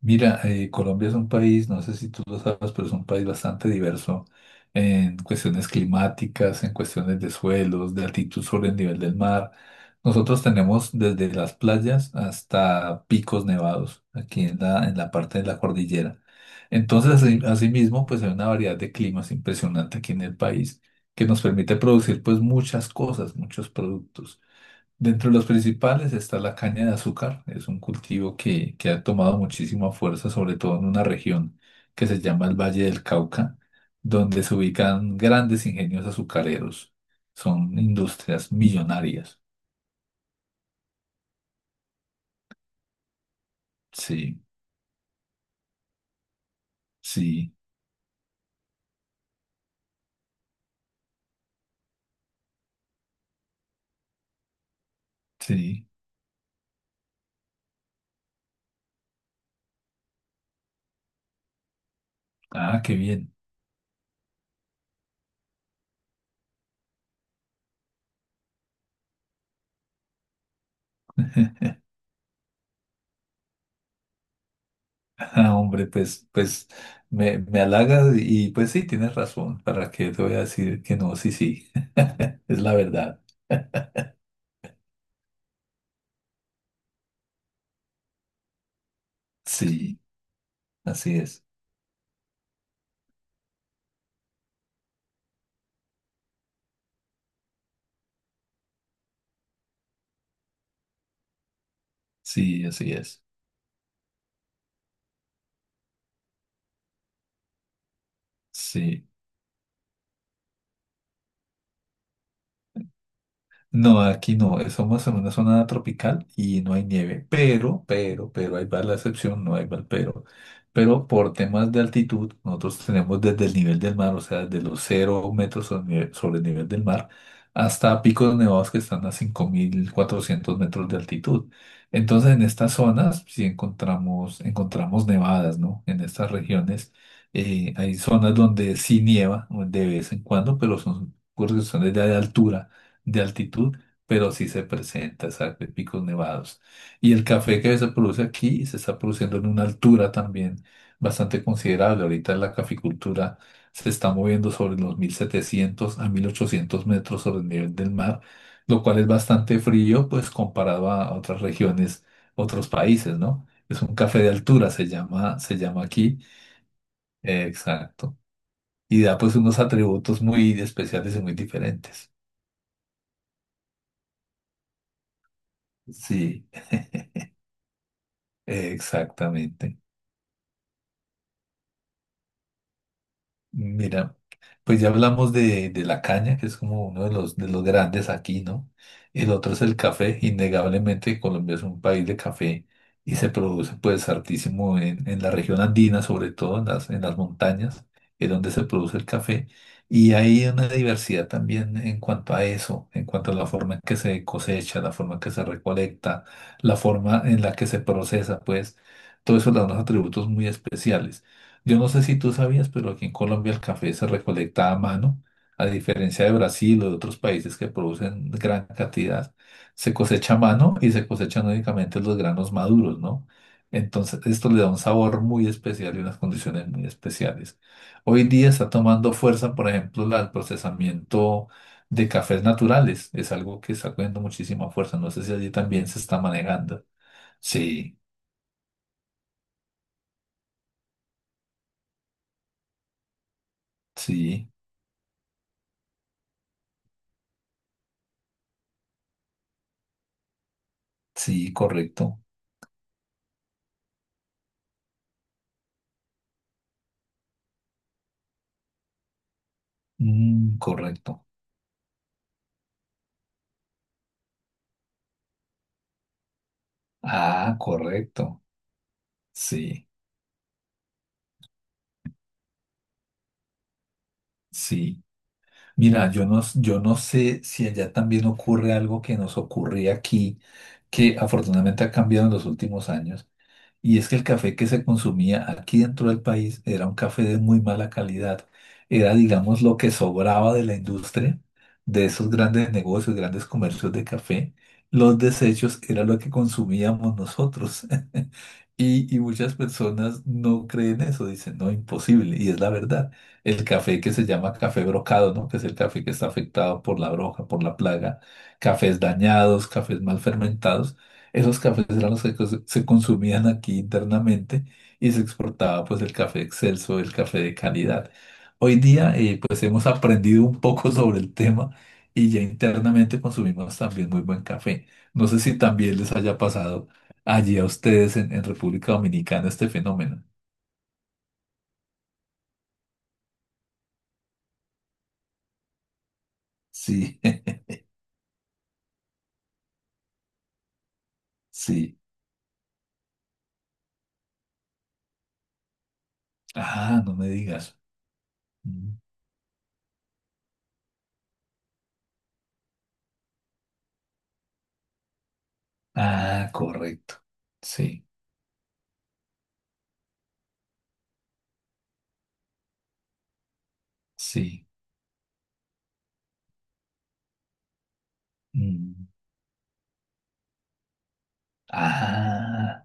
Mira, Colombia es un país, no sé si tú lo sabes, pero es un país bastante diverso en cuestiones climáticas, en cuestiones de suelos, de altitud sobre el nivel del mar. Nosotros tenemos desde las playas hasta picos nevados aquí en la parte de la cordillera. Entonces, asimismo, pues hay una variedad de climas impresionante aquí en el país que nos permite producir pues muchas cosas, muchos productos. Dentro de los principales está la caña de azúcar. Es un cultivo que ha tomado muchísima fuerza, sobre todo en una región que se llama el Valle del Cauca, donde se ubican grandes ingenios azucareros. Son industrias millonarias. Sí, sí, sí. Ah, qué bien. Ah, hombre, pues me halagas y pues sí, tienes razón. ¿Para qué te voy a decir que no? Sí, sí. Es la verdad. Sí, así es. Sí, así es. Sí. No, aquí no. Somos en una zona tropical y no hay nieve. Pero ahí va la excepción, no hay va el pero. Pero por temas de altitud, nosotros tenemos desde el nivel del mar, o sea, desde los cero metros sobre el nivel del mar, hasta picos nevados que están a 5.400 metros de altitud. Entonces, en estas zonas sí encontramos nevadas, ¿no? En estas regiones hay zonas donde sí nieva de vez en cuando, pero son por cuestiones de altura de altitud, pero sí se presenta, exacto, en picos nevados. Y el café que se produce aquí se está produciendo en una altura también bastante considerable. Ahorita la caficultura se está moviendo sobre los 1.700 a 1.800 metros sobre el nivel del mar, lo cual es bastante frío, pues comparado a otras regiones, otros países, ¿no? Es un café de altura, se llama aquí. Exacto. Y da pues unos atributos muy especiales y muy diferentes. Sí. Exactamente. Mira, pues ya hablamos de la caña, que es como uno de los grandes aquí, ¿no? El otro es el café. Innegablemente Colombia es un país de café y se produce pues hartísimo en la región andina, sobre todo en las montañas, es donde se produce el café. Y hay una diversidad también en cuanto a eso, en cuanto a la forma en que se cosecha, la forma en que se recolecta, la forma en la que se procesa, pues todo eso le da unos atributos muy especiales. Yo no sé si tú sabías, pero aquí en Colombia el café se recolecta a mano, a diferencia de Brasil o de otros países que producen gran cantidad, se cosecha a mano y se cosechan únicamente los granos maduros, ¿no? Entonces, esto le da un sabor muy especial y unas condiciones muy especiales. Hoy día está tomando fuerza, por ejemplo, el procesamiento de cafés naturales. Es algo que está cogiendo muchísima fuerza. No sé si allí también se está manejando. Sí, sí, sí, correcto. Mm, correcto. Ah, correcto. Sí, sí. Mira, yo no sé si allá también ocurre algo que nos ocurría aquí, que afortunadamente ha cambiado en los últimos años, y es que el café que se consumía aquí dentro del país era un café de muy mala calidad. Era, digamos, lo que sobraba de la industria, de esos grandes negocios, grandes comercios de café. Los desechos era lo que consumíamos nosotros. Y, y muchas personas no creen eso, dicen, no, imposible. Y es la verdad. El café que se llama café brocado, ¿no? Que es el café que está afectado por la broja, por la plaga, cafés dañados, cafés mal fermentados, esos cafés eran los que se consumían aquí internamente y se exportaba pues el café excelso, el café de calidad. Hoy día pues hemos aprendido un poco sobre el tema y ya internamente consumimos también muy buen café. No sé si también les haya pasado allí a ustedes en República Dominicana este fenómeno. Sí, sí. Ah, no me digas. Mm. Ah, correcto. Sí, sí. Mm. Ah,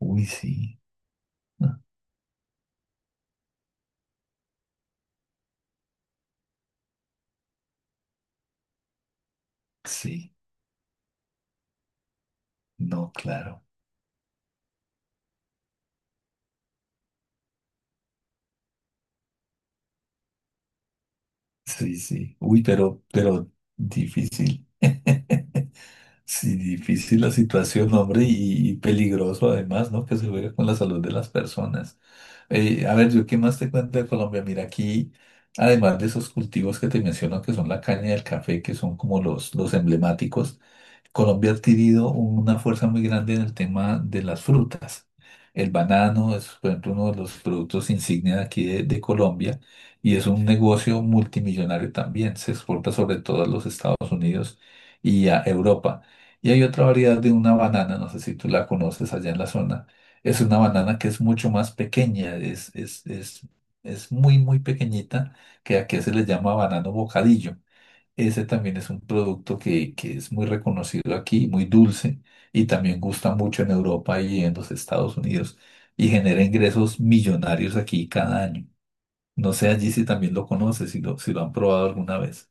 uy, sí. Sí, no, claro. Sí, sí. Uy, pero difícil. Sí, difícil la situación, hombre, y peligroso además, ¿no? Que se juega con la salud de las personas. A ver, yo qué más te cuento de Colombia. Mira, aquí, además de esos cultivos que te menciono, que son la caña y el café, que son como los emblemáticos, Colombia ha adquirido una fuerza muy grande en el tema de las frutas. El banano es, por ejemplo, uno de los productos insignia de aquí de Colombia y es un negocio multimillonario también. Se exporta sobre todo a los Estados Unidos y a Europa. Y hay otra variedad de una banana, no sé si tú la conoces allá en la zona. Es una banana que es mucho más pequeña, es es muy, muy pequeñita, que aquí se le llama banano bocadillo. Ese también es un producto que es muy reconocido aquí, muy dulce, y también gusta mucho en Europa y en los Estados Unidos, y genera ingresos millonarios aquí cada año. No sé allí si también lo conoces, si lo, si lo han probado alguna vez.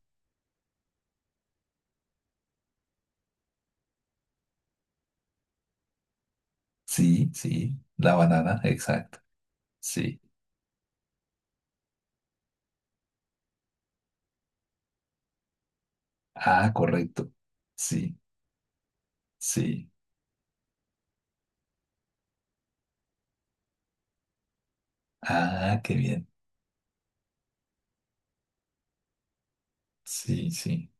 Sí, sí, la banana, exacto. Sí. Ah, correcto. Sí, sí. Ah, qué bien. Sí, sí.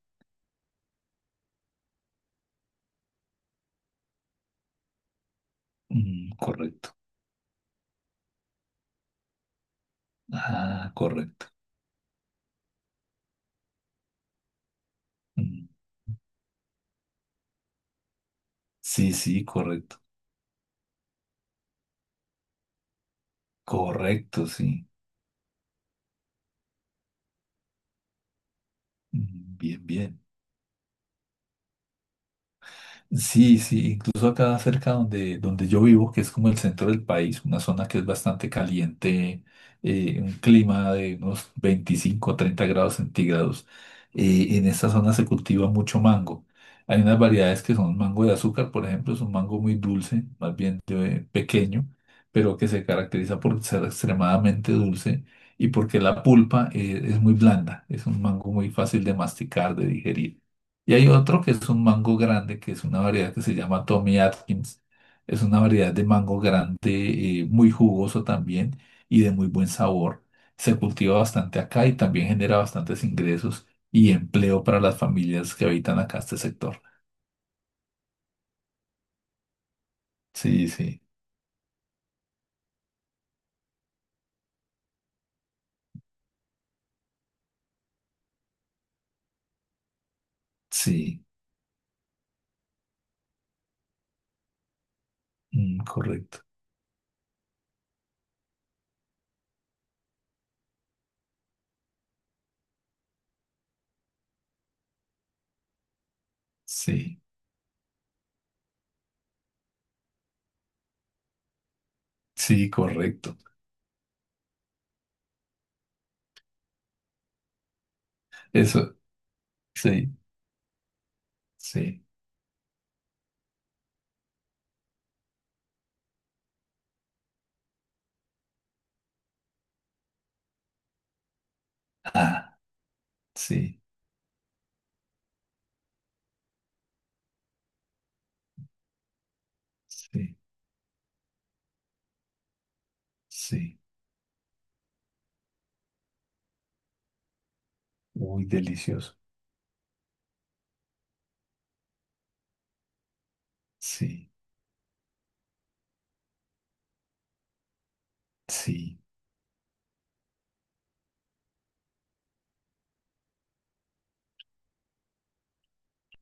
Mm, correcto. Ah, correcto. Mm, sí, sí, correcto. Correcto, sí. Mm, bien, bien. Sí, sí, incluso acá cerca donde, donde yo vivo, que es como el centro del país, una zona que es bastante caliente, un clima de unos 25 o 30 grados centígrados. En esta zona se cultiva mucho mango. Hay unas variedades que son mango de azúcar, por ejemplo, es un mango muy dulce, más bien pequeño, pero que se caracteriza por ser extremadamente dulce y porque la pulpa, es muy blanda, es un mango muy fácil de masticar, de digerir. Y hay otro que es un mango grande, que es una variedad que se llama Tommy Atkins. Es una variedad de mango grande, muy jugoso también y de muy buen sabor. Se cultiva bastante acá y también genera bastantes ingresos y empleo para las familias que habitan acá este sector. Sí, sí, sí, mm, correcto. Sí, sí, correcto. Eso, sí, sí. Ah, sí, sí, sí. Muy delicioso. Sí, sí.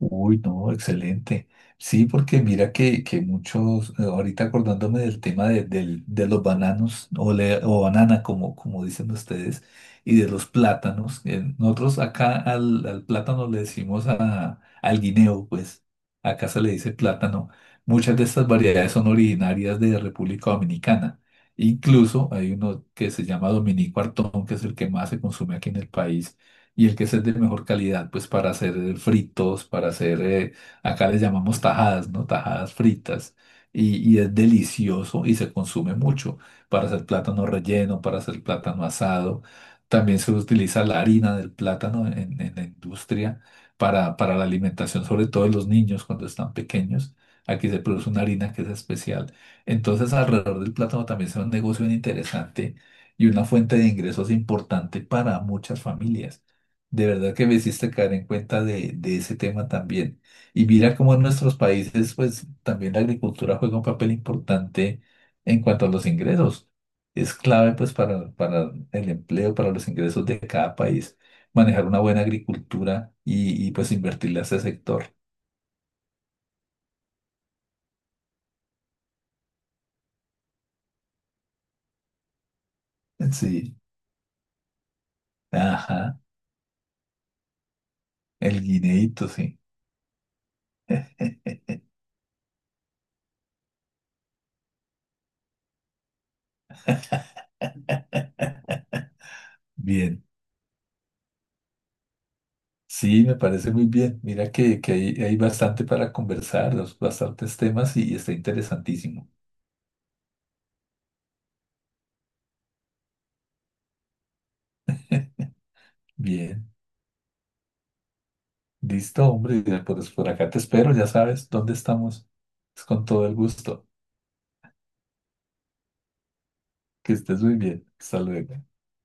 Uy, no, excelente. Sí, porque mira que muchos, ahorita acordándome del tema de, de los bananos o, o banana, como, como dicen ustedes, y de los plátanos. Nosotros acá al, al plátano le decimos a, al guineo, pues acá se le dice plátano. Muchas de estas variedades son originarias de República Dominicana. Incluso hay uno que se llama Dominico Artón, que es el que más se consume aquí en el país y el que es el de mejor calidad, pues para hacer fritos, para hacer, acá les llamamos tajadas, ¿no? Tajadas fritas. Y es delicioso y se consume mucho para hacer plátano relleno, para hacer plátano asado. También se utiliza la harina del plátano en la industria para la alimentación, sobre todo de los niños cuando están pequeños. Aquí se produce una harina que es especial. Entonces, alrededor del plátano también es un negocio bien interesante y una fuente de ingresos importante para muchas familias. De verdad que me hiciste caer en cuenta de ese tema también. Y mira cómo en nuestros países, pues también la agricultura juega un papel importante en cuanto a los ingresos. Es clave, pues, para el empleo, para los ingresos de cada país, manejar una buena agricultura y pues, invertirle a ese sector. Sí, ajá, el guineíto, sí. Bien. Sí, me parece muy bien. Mira que hay, hay bastante para conversar, los- bastantes temas y, está interesantísimo. Bien, listo, hombre. Ya, pues por acá te espero, ya sabes dónde estamos. Es con todo el gusto. Que estés muy bien. Hasta luego.